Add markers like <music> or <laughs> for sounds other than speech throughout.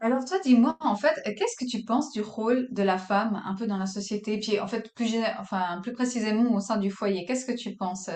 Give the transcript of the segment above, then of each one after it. Alors toi, dis-moi, qu'est-ce que tu penses du rôle de la femme un peu dans la société, puis en fait plus plus précisément au sein du foyer, qu'est-ce que tu penses?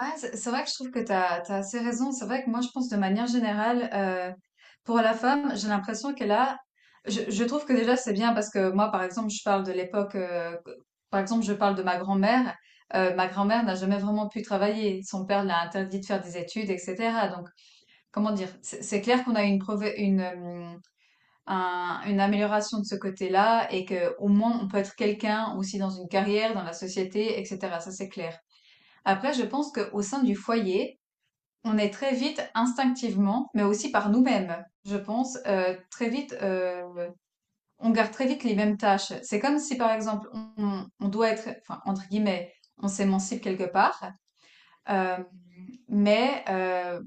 Ouais, c'est vrai que je trouve que tu as, assez raison. C'est vrai que moi, je pense de manière générale, pour la femme, j'ai l'impression qu'elle a... Je trouve que déjà, c'est bien parce que moi, par exemple, je parle de l'époque... par exemple, je parle de ma grand-mère. Ma grand-mère n'a jamais vraiment pu travailler. Son père l'a interdit de faire des études, etc. Donc, comment dire? C'est clair qu'on a une, prove- une, un- une amélioration de ce côté-là et que au moins, on peut être quelqu'un aussi dans une carrière, dans la société, etc. Ça, c'est clair. Après, je pense qu'au sein du foyer, on est très vite instinctivement, mais aussi par nous-mêmes, je pense, très vite, on garde très vite les mêmes tâches. C'est comme si, par exemple, on doit être, enfin, entre guillemets, on s'émancipe quelque part, euh, mais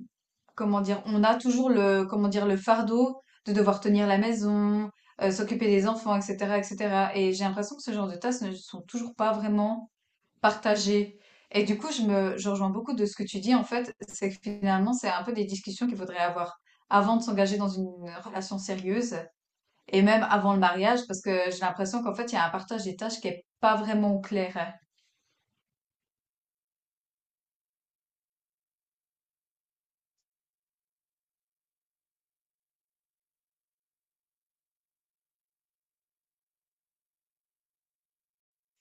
comment dire, on a toujours le, comment dire, le fardeau de devoir tenir la maison, s'occuper des enfants, etc., etc. Et cetera. Et j'ai l'impression que ce genre de tâches ne sont toujours pas vraiment partagé. Et du coup, je rejoins beaucoup de ce que tu dis, en fait, c'est que finalement, c'est un peu des discussions qu'il faudrait avoir avant de s'engager dans une relation sérieuse et même avant le mariage, parce que j'ai l'impression qu'en fait, il y a un partage des tâches qui est pas vraiment clair.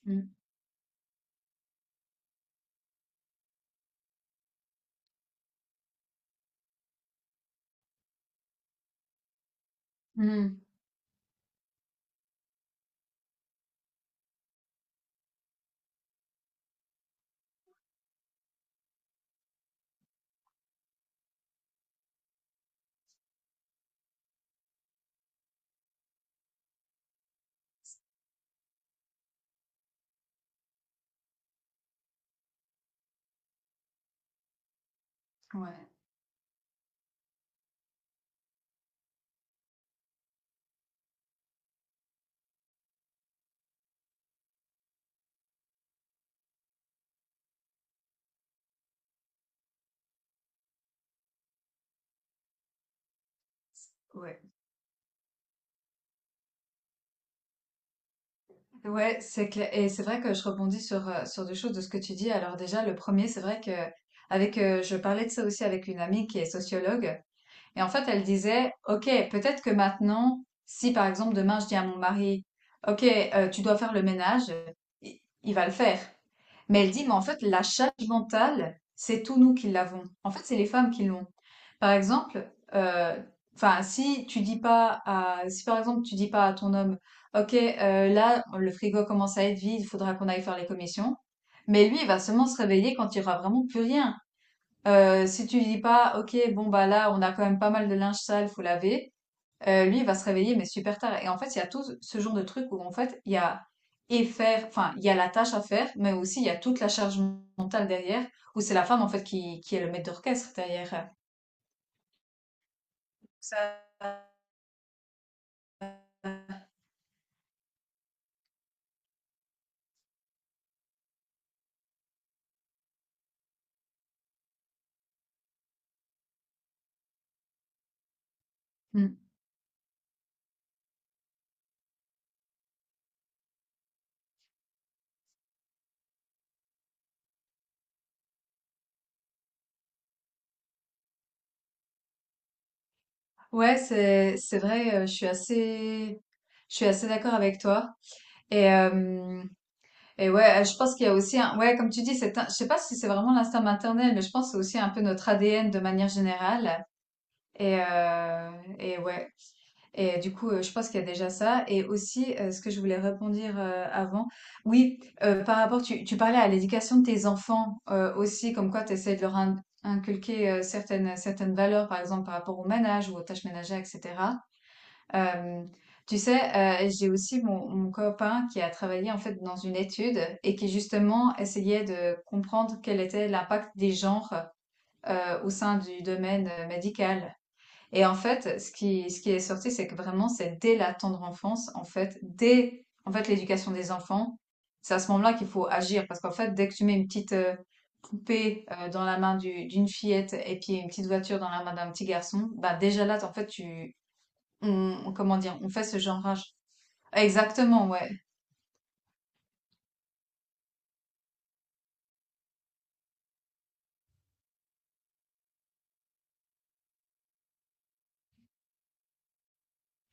Mm. Mm. Ouais, ouais. Ouais, c'est clair. Et c'est vrai que je rebondis sur, sur deux choses de ce que tu dis. Alors déjà, le premier, c'est vrai que avec, je parlais de ça aussi avec une amie qui est sociologue. Et en fait, elle disait, OK, peut-être que maintenant, si par exemple demain je dis à mon mari, OK, tu dois faire le ménage, il va le faire. Mais elle dit, mais en fait, la charge mentale, c'est tous nous qui l'avons. En fait, c'est les femmes qui l'ont. Par exemple, si tu dis pas à, si par exemple tu dis pas à ton homme, OK, là, le frigo commence à être vide, il faudra qu'on aille faire les commissions. Mais lui, il va seulement se réveiller quand il y aura vraiment plus rien. Si tu lui dis pas, ok, bon bah là, on a quand même pas mal de linge sale, faut laver. Lui, il va se réveiller, mais super tard. Et en fait, il y a tout ce genre de truc où en fait, il y a la tâche à faire, mais aussi il y a toute la charge mentale derrière, où c'est la femme en fait qui est le maître d'orchestre derrière. Ça, Hmm. Ouais, c'est vrai, je suis assez d'accord avec toi. Et euh, Et ouais, je pense qu'il y a aussi un, ouais, comme tu dis, je sais pas si c'est vraiment l'instinct maternel, mais je pense que c'est aussi un peu notre ADN de manière générale. Et, euh, et ouais. Et du coup, je pense qu'il y a déjà ça. Et aussi, ce que je voulais répondre avant, oui, par rapport, tu parlais à l'éducation de tes enfants aussi, comme quoi tu essaies de leur inculquer certaines valeurs, par exemple, par rapport au ménage ou aux tâches ménagères, etc. Hem, Tu sais, j'ai aussi mon copain qui a travaillé en fait dans une étude et qui justement essayait de comprendre quel était l'impact des genres, au sein du domaine, médical. Et en fait, ce qui est sorti, c'est que vraiment c'est dès la tendre enfance, en fait, dès en fait l'éducation des enfants, c'est à ce moment-là qu'il faut agir parce qu'en fait, dès que tu mets une petite, poupée, dans la main du d'une fillette et puis une petite voiture dans la main d'un petit garçon, bah, déjà là, en fait, tu on comment dire? On fait ce genrage. Exactement, ouais.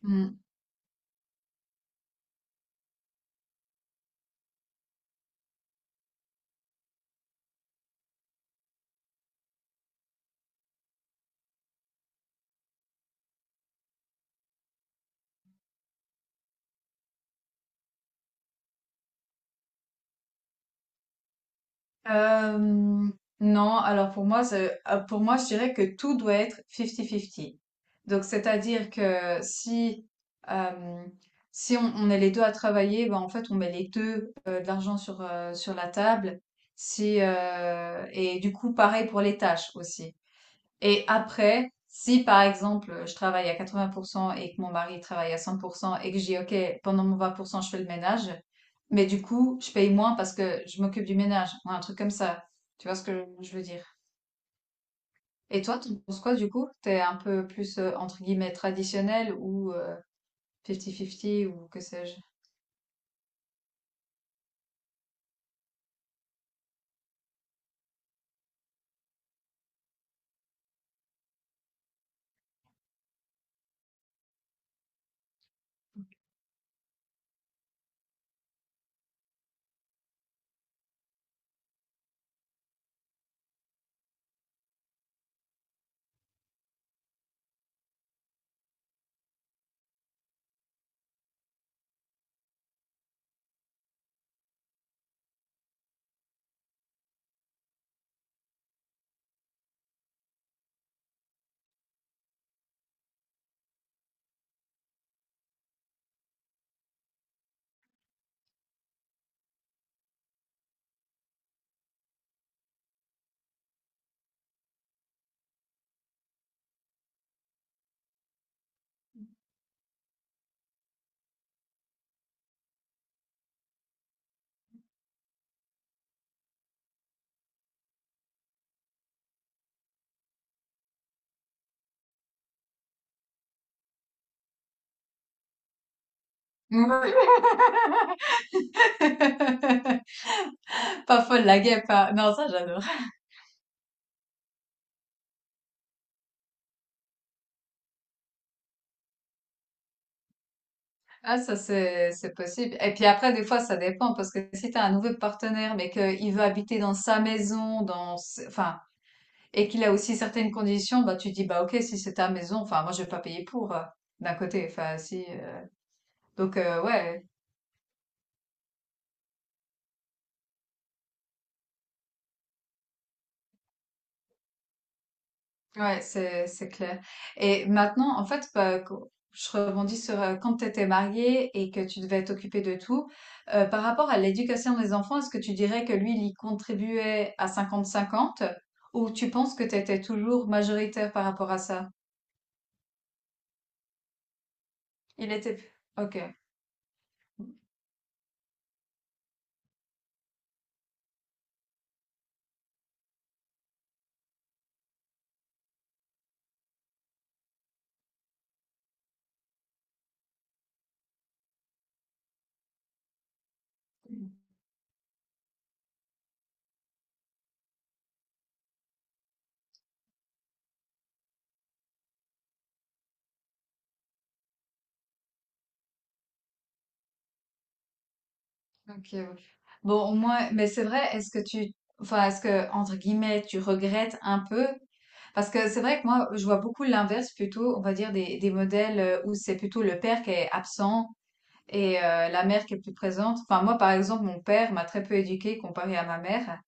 Mmh. Hem, non, alors pour moi, pour moi, je dirais que tout doit être 50-50. Donc c'est-à-dire que si, hem, si on est les 2 à travailler, ben, en fait, on met les 2 de l'argent sur, sur la table. Si, et du coup, pareil pour les tâches aussi. Et après, si par exemple je travaille à 80% et que mon mari travaille à 100% et que je dis OK, pendant mon 20% je fais le ménage, mais du coup je paye moins parce que je m'occupe du ménage, ou un truc comme ça. Tu vois ce que je veux dire? Et toi, tu penses quoi du coup? T'es un peu plus entre guillemets traditionnel ou 50-50 ou que sais-je? <laughs> Pas folle la guêpe, hein. Non, ça j'adore. Ah, ça, c'est possible. Et puis après, des fois, ça dépend, parce que si t'as un nouveau partenaire, mais qu'il veut habiter dans sa maison, et qu'il a aussi certaines conditions, bah, tu dis, bah, ok, si c'est ta maison, enfin, moi, je vais pas payer pour, d'un côté, enfin, si, donc, ouais. Ouais, c'est clair. Et maintenant, en fait, je rebondis sur quand tu étais mariée et que tu devais t'occuper de tout. Par rapport à l'éducation des enfants, est-ce que tu dirais que lui, il y contribuait à 50-50 ou tu penses que tu étais toujours majoritaire par rapport à ça? Il était... Ok. OK, ouais. Bon, au moins, mais c'est vrai, est-ce que tu, enfin, est-ce que, entre guillemets, tu regrettes un peu? Parce que c'est vrai que moi, je vois beaucoup l'inverse plutôt, on va dire, des modèles où c'est plutôt le père qui est absent et la mère qui est plus présente. Enfin, moi, par exemple, mon père m'a très peu éduquée comparé à ma mère.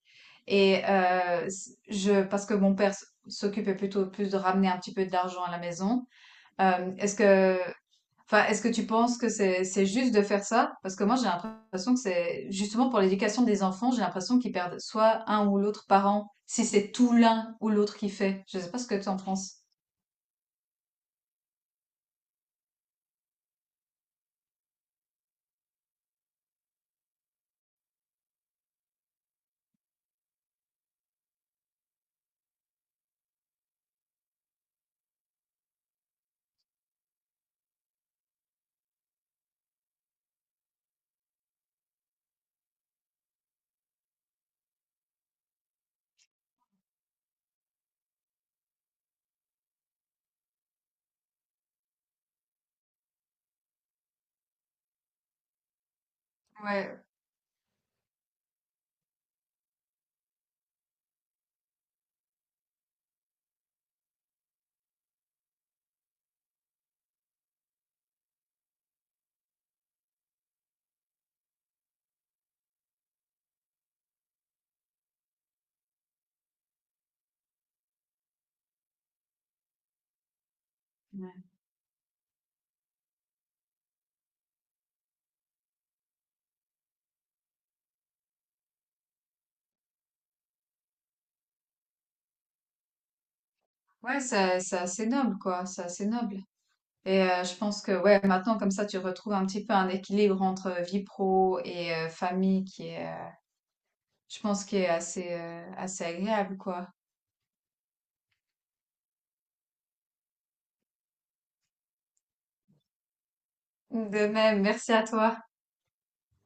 Et parce que mon père s'occupait plutôt plus de ramener un petit peu d'argent à la maison. Euh, est-ce que, Est-ce que tu penses que c'est juste de faire ça? Parce que moi, j'ai l'impression que c'est justement pour l'éducation des enfants, j'ai l'impression qu'ils perdent soit un ou l'autre parent, si c'est tout l'un ou l'autre qui fait. Je sais pas ce que tu en penses. Ouais. Ouais, Ouais, c'est assez noble, quoi. C'est assez noble. Et je pense que ouais, maintenant comme ça, tu retrouves un petit peu un équilibre entre vie pro et famille qui est, je pense, qui est assez assez agréable, quoi. De même, merci à toi.